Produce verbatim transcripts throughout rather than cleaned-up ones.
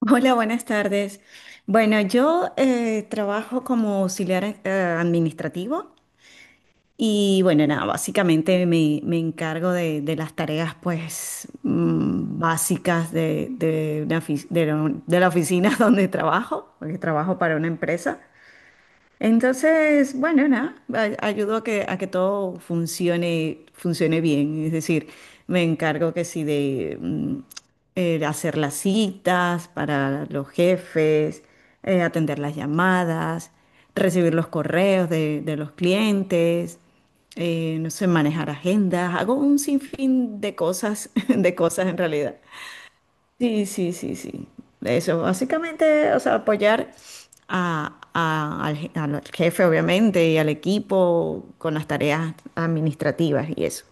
Hola, buenas tardes. Bueno, yo eh, trabajo como auxiliar eh, administrativo y bueno, nada, básicamente me, me encargo de, de las tareas pues mm, básicas de, de una ofi- de la de la oficina donde trabajo, porque trabajo para una empresa. Entonces, bueno, nada, ay- ayudo a que, a que todo funcione, funcione bien. Es decir, me encargo que sí de mm, eh, hacer las citas para los jefes, eh, atender las llamadas, recibir los correos de, de los clientes, eh, no sé, manejar agendas. Hago un sinfín de cosas, de cosas en realidad. Sí, sí, sí, sí. Eso, básicamente, o sea, apoyar a, a- al, je- al jefe, obviamente, y al equipo con las tareas administrativas y eso.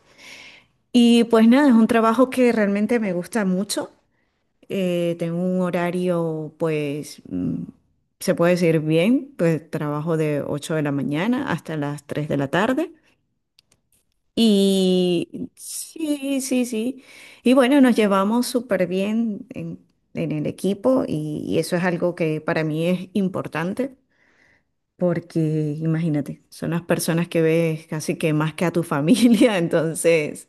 Y pues nada, es un trabajo que realmente me gusta mucho. Eh, tengo un horario, pues, mm, se puede decir bien, pues trabajo de ocho de la mañana hasta las tres de la tarde. Y sí, sí, sí. Y bueno, nos llevamos súper bien en, en el equipo y, y eso es algo que para mí es importante porque imagínate, son las personas que ves casi que más que a tu familia, entonces,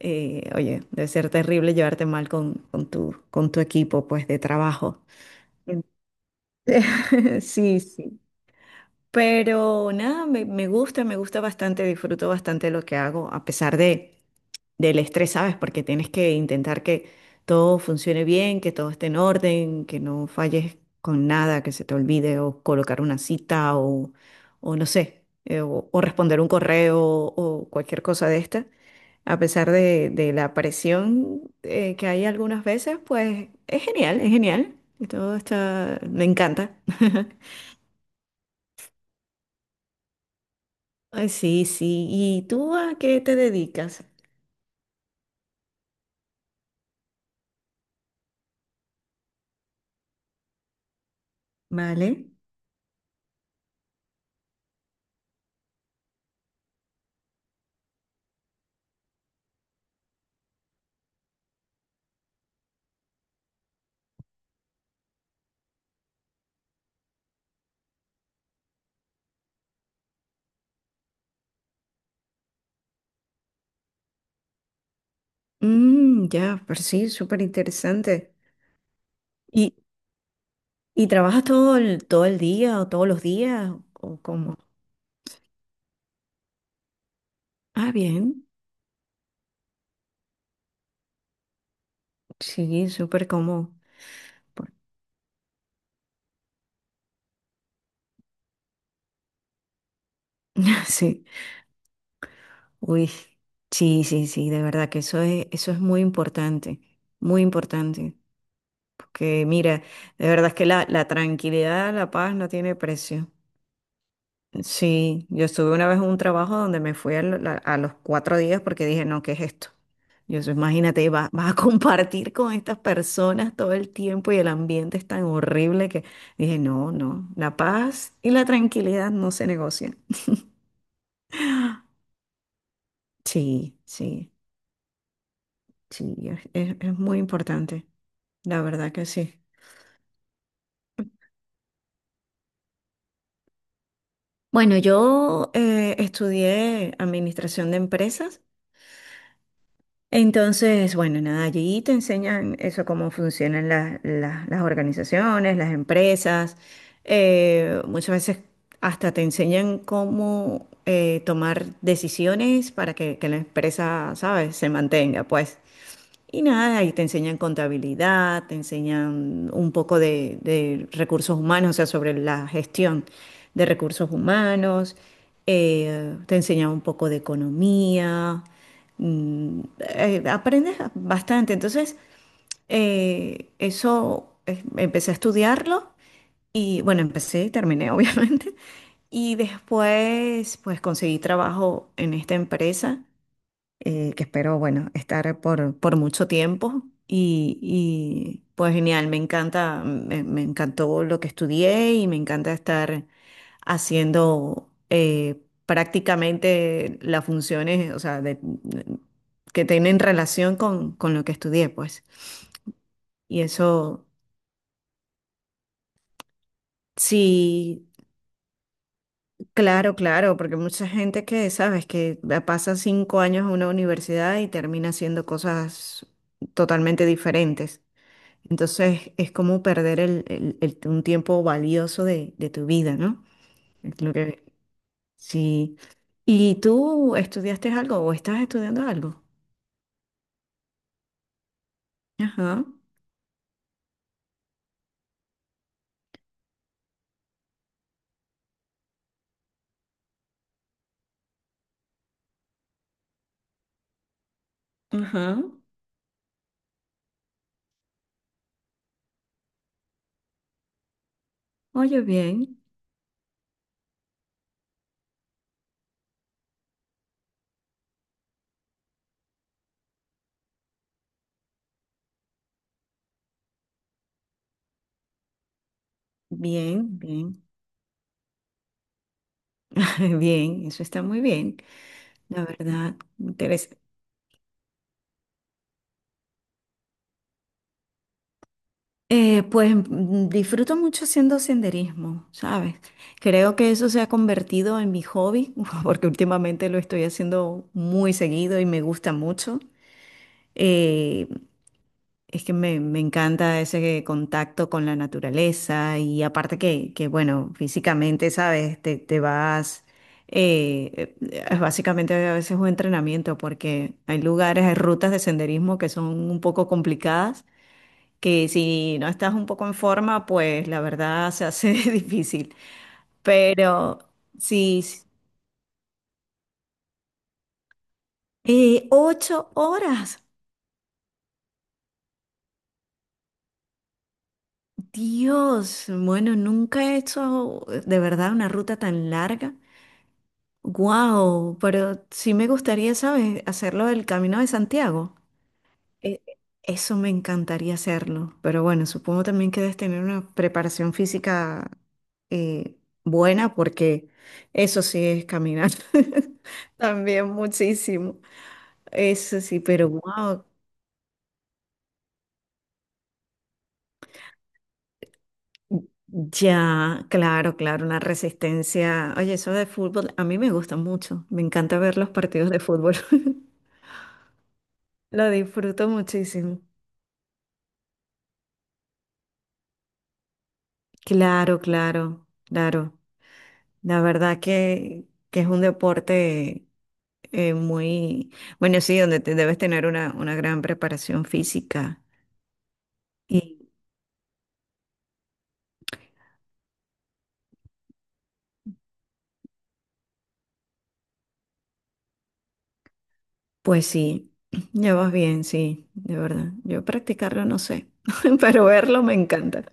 eh, oye, debe ser terrible llevarte mal con, con tu, con tu equipo pues de trabajo. En- Sí, sí. Pero nada, me, me gusta, me gusta bastante, disfruto bastante lo que hago, a pesar de... del estrés, ¿sabes? Porque tienes que intentar que todo funcione bien, que todo esté en orden, que no falles con nada, que se te olvide o colocar una cita o, o no sé, eh, o, o responder un correo o cualquier cosa de esta. A pesar de, de la presión eh, que hay algunas veces, pues es genial, es genial. Y todo está, me encanta. Ay, sí, sí. ¿Y tú a qué te dedicas? Vale. Mm, ya, pero sí, súper interesante. ¿Y, y trabajas todo el, todo el día o todos los días? ¿O cómo? Ah, bien. Sí, súper cómodo. Por- Sí. Uy, sí, sí, sí, de verdad que eso es, eso es muy importante, muy importante. Porque mira, de verdad es que la, la tranquilidad, la paz no tiene precio. Sí, yo estuve una vez en un trabajo donde me fui a, la- a los cuatro días porque dije, no, ¿qué es esto? Yo soy, imagínate, va- vas a compartir con estas personas todo el tiempo y el ambiente es tan horrible que dije, no, no, la paz y la tranquilidad no se negocian. Sí, sí, sí, es, es- es muy importante, la verdad que sí. Bueno, yo eh, estudié administración de empresas. Entonces, bueno, nada, allí te enseñan eso, cómo funcionan las, las- las organizaciones, las empresas. Eh, muchas veces hasta te enseñan cómo eh, tomar decisiones para que, que la empresa, ¿sabes?, se mantenga, pues. Y nada, y te enseñan contabilidad, te enseñan un poco de, de recursos humanos, o sea, sobre la gestión de recursos humanos, eh, te enseñan un poco de economía, mm, eh, aprendes bastante. Entonces, eh, eso eh, empecé a estudiarlo y bueno, empecé y terminé, obviamente. Y después, pues conseguí trabajo en esta empresa eh, que espero, bueno, estar por, por mucho tiempo. Y, y, pues genial, me encanta, me, me encantó lo que estudié y me encanta estar haciendo eh, prácticamente las funciones, o sea, de- que tienen relación con, con lo que estudié, pues. Y eso, sí, claro, claro, porque mucha gente que, sabes, que pasa cinco años en una universidad y termina haciendo cosas totalmente diferentes. Entonces es como perder el, el- el- un tiempo valioso de, de tu vida, ¿no? Es lo que sí. ¿Y tú estudiaste algo o estás estudiando algo? Ajá, ajá. Oye, bien, bien, bien, bien, eso está muy bien, la verdad, me interesa. Eh, pues mm, disfruto mucho haciendo senderismo, ¿sabes? Creo que eso se ha convertido en mi hobby, porque últimamente lo estoy haciendo muy seguido y me gusta mucho. Eh, Es que me, me encanta ese contacto con la naturaleza y aparte que, que bueno, físicamente, ¿sabes? Te, te vas, eh, es básicamente a veces un entrenamiento porque hay lugares, hay rutas de senderismo que son un poco complicadas, que si no estás un poco en forma, pues la verdad se hace difícil. Pero sí, sí. Eh, ocho horas. Dios, bueno, nunca he hecho de verdad una ruta tan larga. Wow, pero sí me gustaría, ¿sabes? Hacerlo del Camino de Santiago. E- Eso me encantaría hacerlo. Pero bueno, supongo también que debes tener una preparación física eh, buena porque eso sí es caminar. También muchísimo. Eso sí, pero wow. Ya, claro, claro, una resistencia. Oye, eso de fútbol a mí me gusta mucho. Me encanta ver los partidos de fútbol. Lo disfruto muchísimo. Claro, claro, claro. La verdad que, que es un deporte eh, muy, bueno, sí, donde te debes tener una, una gran preparación física. Y pues sí, ya vas bien, sí, de verdad. Yo practicarlo no sé, pero verlo me encanta.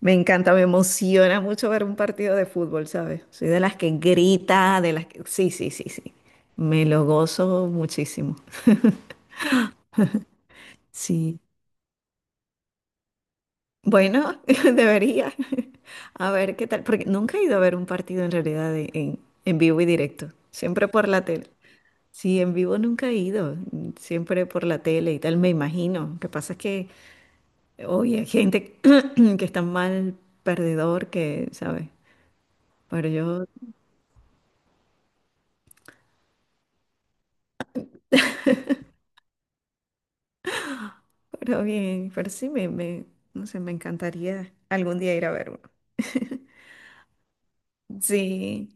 Me encanta, me emociona mucho ver un partido de fútbol, ¿sabes? Soy de las que grita, de las que... Sí, sí, sí, sí. Me lo gozo muchísimo. Sí. Bueno, debería. A ver qué tal, porque nunca he ido a ver un partido en realidad de- en, en vivo y directo, siempre por la tele. Sí, en vivo nunca he ido, siempre por la tele y tal, me imagino. Lo que pasa es que hoy hay gente que está mal perdedor, que, ¿sabes? Pero yo, pero bien, pero sí, me, me, no sé, me encantaría algún día ir a ver uno. Sí,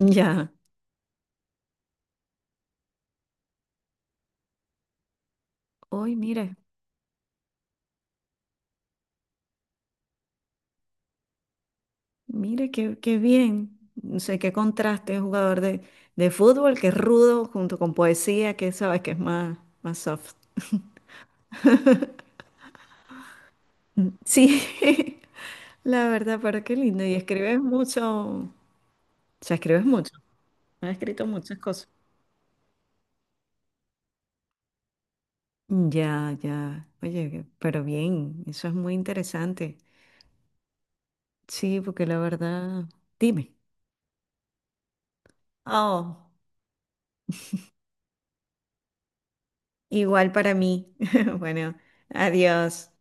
ya. Hoy, mira. Mira, qué, qué bien. No sé qué contraste, un jugador de, de fútbol que es rudo junto con poesía, que sabes que es más, más soft. Mm, sí, la verdad, pero qué lindo. Y escribes mucho, o sea, escribes mucho. Has escrito muchas cosas. Ya, ya. Oye, que- pero bien, eso es muy interesante. Sí, porque la verdad, dime. Oh, igual para mí. Bueno, adiós.